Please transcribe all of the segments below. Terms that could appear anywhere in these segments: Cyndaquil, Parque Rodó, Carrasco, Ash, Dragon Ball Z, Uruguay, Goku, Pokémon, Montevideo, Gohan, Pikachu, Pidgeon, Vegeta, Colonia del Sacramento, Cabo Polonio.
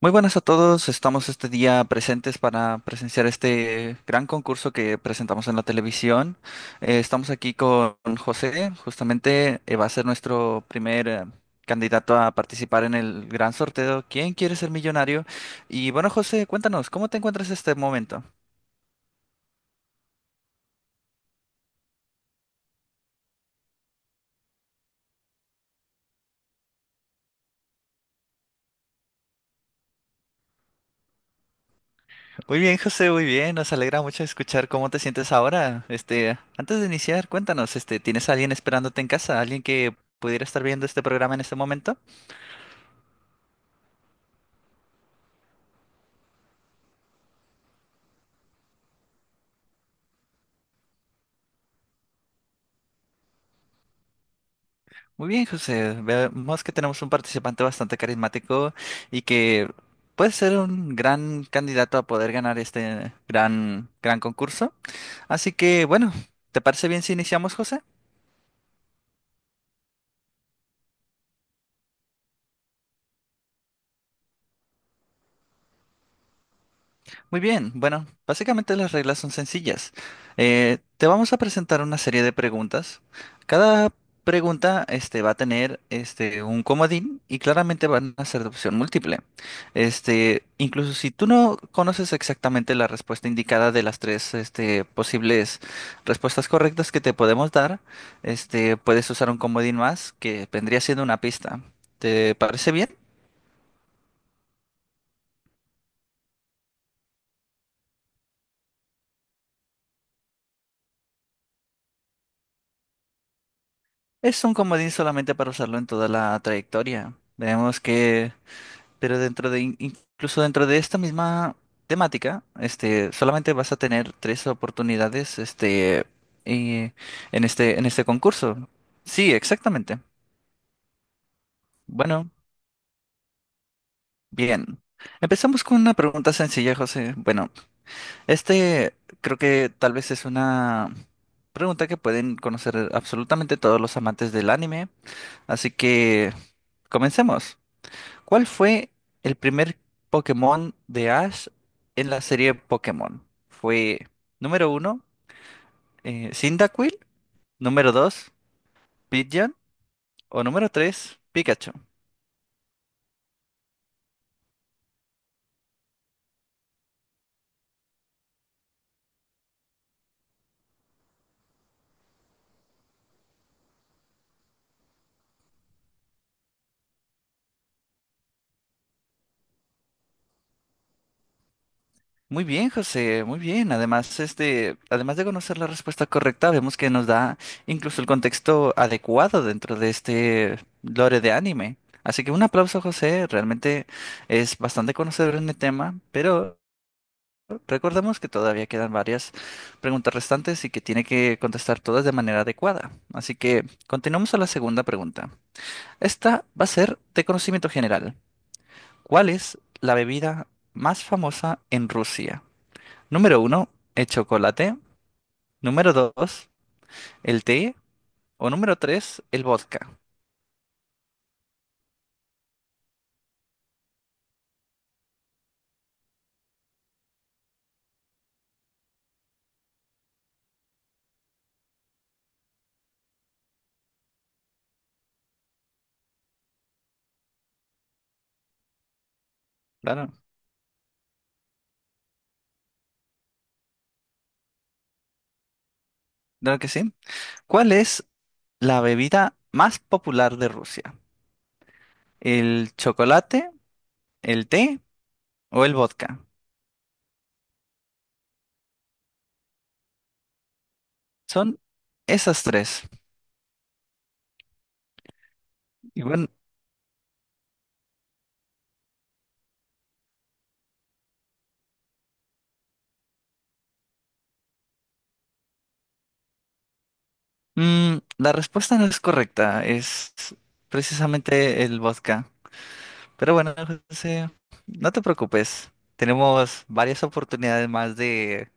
Muy buenas a todos, estamos este día presentes para presenciar este gran concurso que presentamos en la televisión. Estamos aquí con José, justamente va a ser nuestro primer candidato a participar en el gran sorteo. ¿Quién quiere ser millonario? Y bueno, José, cuéntanos, ¿cómo te encuentras en este momento? Muy bien, José, muy bien, nos alegra mucho escuchar cómo te sientes ahora. Antes de iniciar, cuéntanos, ¿tienes a alguien esperándote en casa? ¿Alguien que pudiera estar viendo este programa en este momento? Muy bien, José. Vemos que tenemos un participante bastante carismático y que puede ser un gran candidato a poder ganar este gran concurso. Así que, bueno, ¿te parece bien si iniciamos, José? Muy bien, bueno, básicamente las reglas son sencillas. Te vamos a presentar una serie de preguntas. Cada pregunta va a tener un comodín y claramente van a ser de opción múltiple. Incluso si tú no conoces exactamente la respuesta indicada de las tres posibles respuestas correctas que te podemos dar, puedes usar un comodín más que vendría siendo una pista. ¿Te parece bien? Es un comodín solamente para usarlo en toda la trayectoria. Vemos que, pero dentro de, incluso dentro de esta misma temática, solamente vas a tener tres oportunidades, eh, en en este concurso. Sí, exactamente. Bueno, bien. Empezamos con una pregunta sencilla, José. Bueno, este creo que tal vez es una pregunta que pueden conocer absolutamente todos los amantes del anime, así que comencemos. ¿Cuál fue el primer Pokémon de Ash en la serie Pokémon? ¿Fue número uno, Cyndaquil, número dos, Pidgeon o número tres, Pikachu? Muy bien, José, muy bien. Además, además de conocer la respuesta correcta, vemos que nos da incluso el contexto adecuado dentro de este lore de anime. Así que un aplauso, José. Realmente es bastante conocedor en el tema, pero recordemos que todavía quedan varias preguntas restantes y que tiene que contestar todas de manera adecuada. Así que continuamos a la segunda pregunta. Esta va a ser de conocimiento general. ¿Cuál es la bebida más famosa en Rusia? Número uno, el chocolate. Número dos, el té. O número tres, el vodka. Claro, claro que sí. ¿Cuál es la bebida más popular de Rusia? ¿El chocolate, el té o el vodka? Son esas tres. Y bueno, la respuesta no es correcta, es precisamente el vodka. Pero bueno, José, no te preocupes. Tenemos varias oportunidades más de,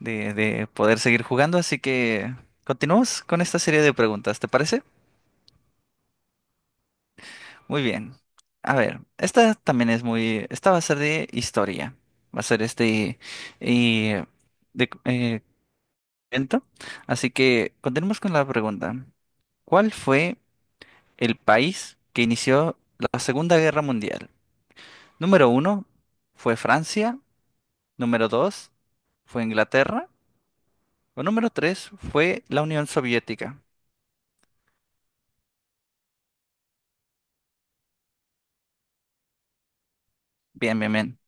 de, de poder seguir jugando, así que continuamos con esta serie de preguntas, ¿te parece? Muy bien. A ver, esta también es muy. Esta va a ser de historia. Va a ser este. Y, de, momento. Así que continuemos con la pregunta. ¿Cuál fue el país que inició la Segunda Guerra Mundial? Número uno fue Francia, número dos fue Inglaterra o número tres fue la Unión Soviética. Bien, bien, bien.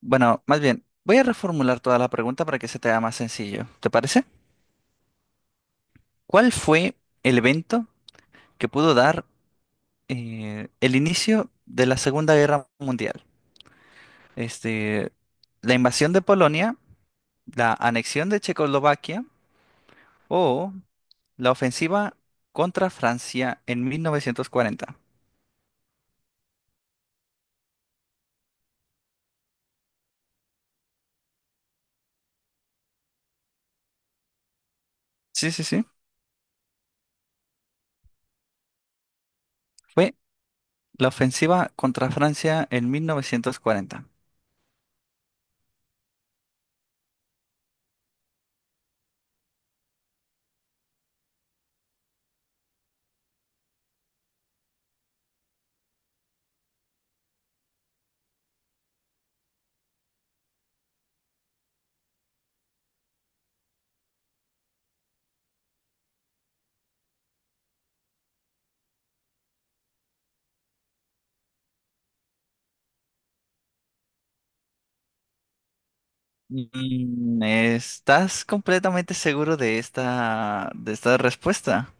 Bueno, más bien, voy a reformular toda la pregunta para que se te haga más sencillo. ¿Te parece? ¿Cuál fue el evento que pudo dar el inicio de la Segunda Guerra Mundial? Este, la invasión de Polonia, la anexión de Checoslovaquia o la ofensiva contra Francia en 1940. Sí, sí, sí. Fue la ofensiva contra Francia en 1940. Mm, ¿estás completamente seguro de esta respuesta?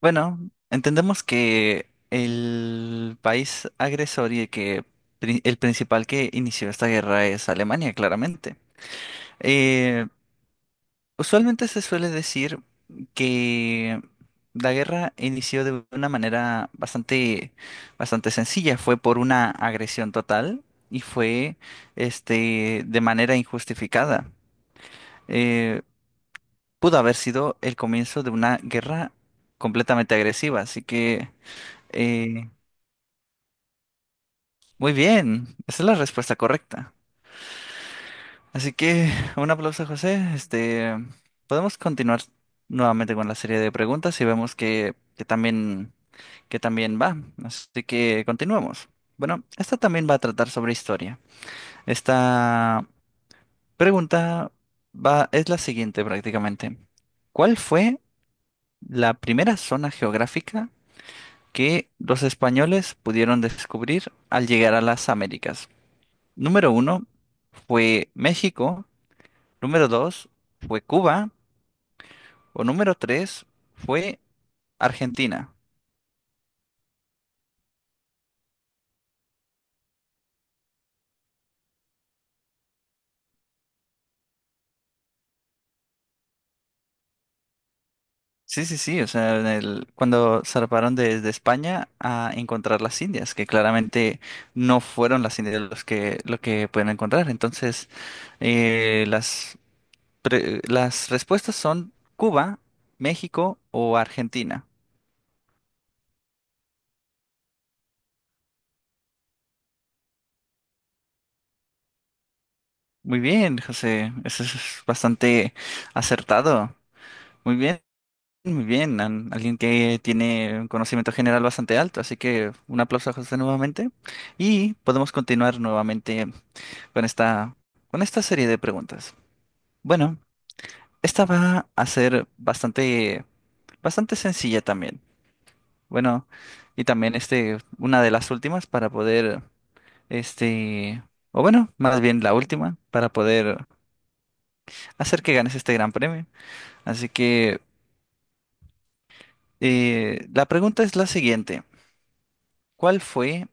Bueno, entendemos que el país agresor y el que el principal que inició esta guerra es Alemania, claramente. Eh, Usualmente se suele decir que la guerra inició de una manera bastante, bastante sencilla. Fue por una agresión total y fue, de manera injustificada. Eh, pudo haber sido el comienzo de una guerra completamente agresiva. Así que, eh, muy bien, esa es la respuesta correcta. Así que un aplauso, José. Podemos continuar nuevamente con la serie de preguntas y vemos que también va. Así que continuemos. Bueno, esta también va a tratar sobre historia. Esta pregunta va, es la siguiente prácticamente. ¿Cuál fue la primera zona geográfica que los españoles pudieron descubrir al llegar a las Américas? Número uno fue México. Número dos fue Cuba. O número tres fue Argentina. Sí, sí, sí, o sea, cuando zarparon desde España a encontrar las Indias, que claramente no fueron las Indias lo que pueden encontrar. Entonces, eh, las, las respuestas son Cuba, México o Argentina. Muy bien, José, eso es bastante acertado. Muy bien. Muy bien, alguien que tiene un conocimiento general bastante alto, así que un aplauso a José nuevamente y podemos continuar nuevamente con con esta serie de preguntas. Bueno, esta va a ser bastante, bastante sencilla también. Bueno, y también una de las últimas para poder, este, o bueno, más bien la última para poder hacer que ganes este gran premio. Así que la pregunta es la siguiente. ¿Cuál fue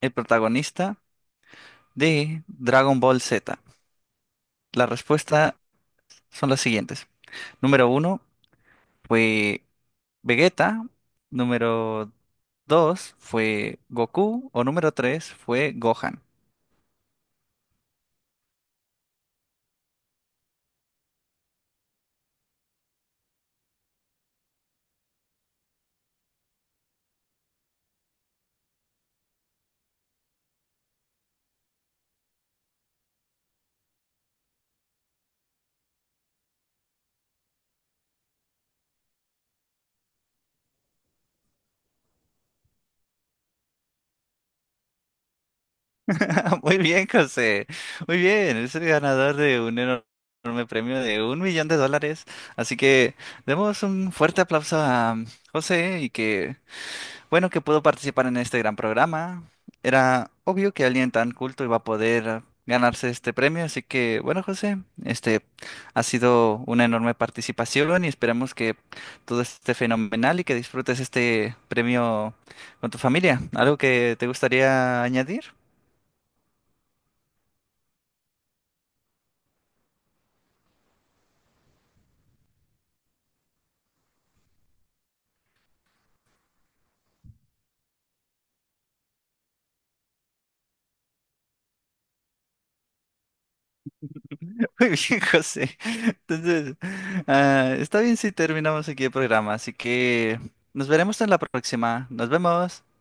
el protagonista de Dragon Ball Z? Las respuestas son las siguientes. Número uno fue Vegeta. Número dos fue Goku. O número tres fue Gohan. Muy bien, José. Muy bien. Es el ganador de un enorme premio de 1 millón de dólares. Así que demos un fuerte aplauso a José y que bueno, que pudo participar en este gran programa. Era obvio que alguien tan culto iba a poder ganarse este premio, así que bueno, José, este ha sido una enorme participación y esperamos que todo esté fenomenal y que disfrutes este premio con tu familia. ¿Algo que te gustaría añadir? Muy bien, José. Entonces, ah, está bien si terminamos aquí el programa, así que nos veremos en la próxima. Nos vemos.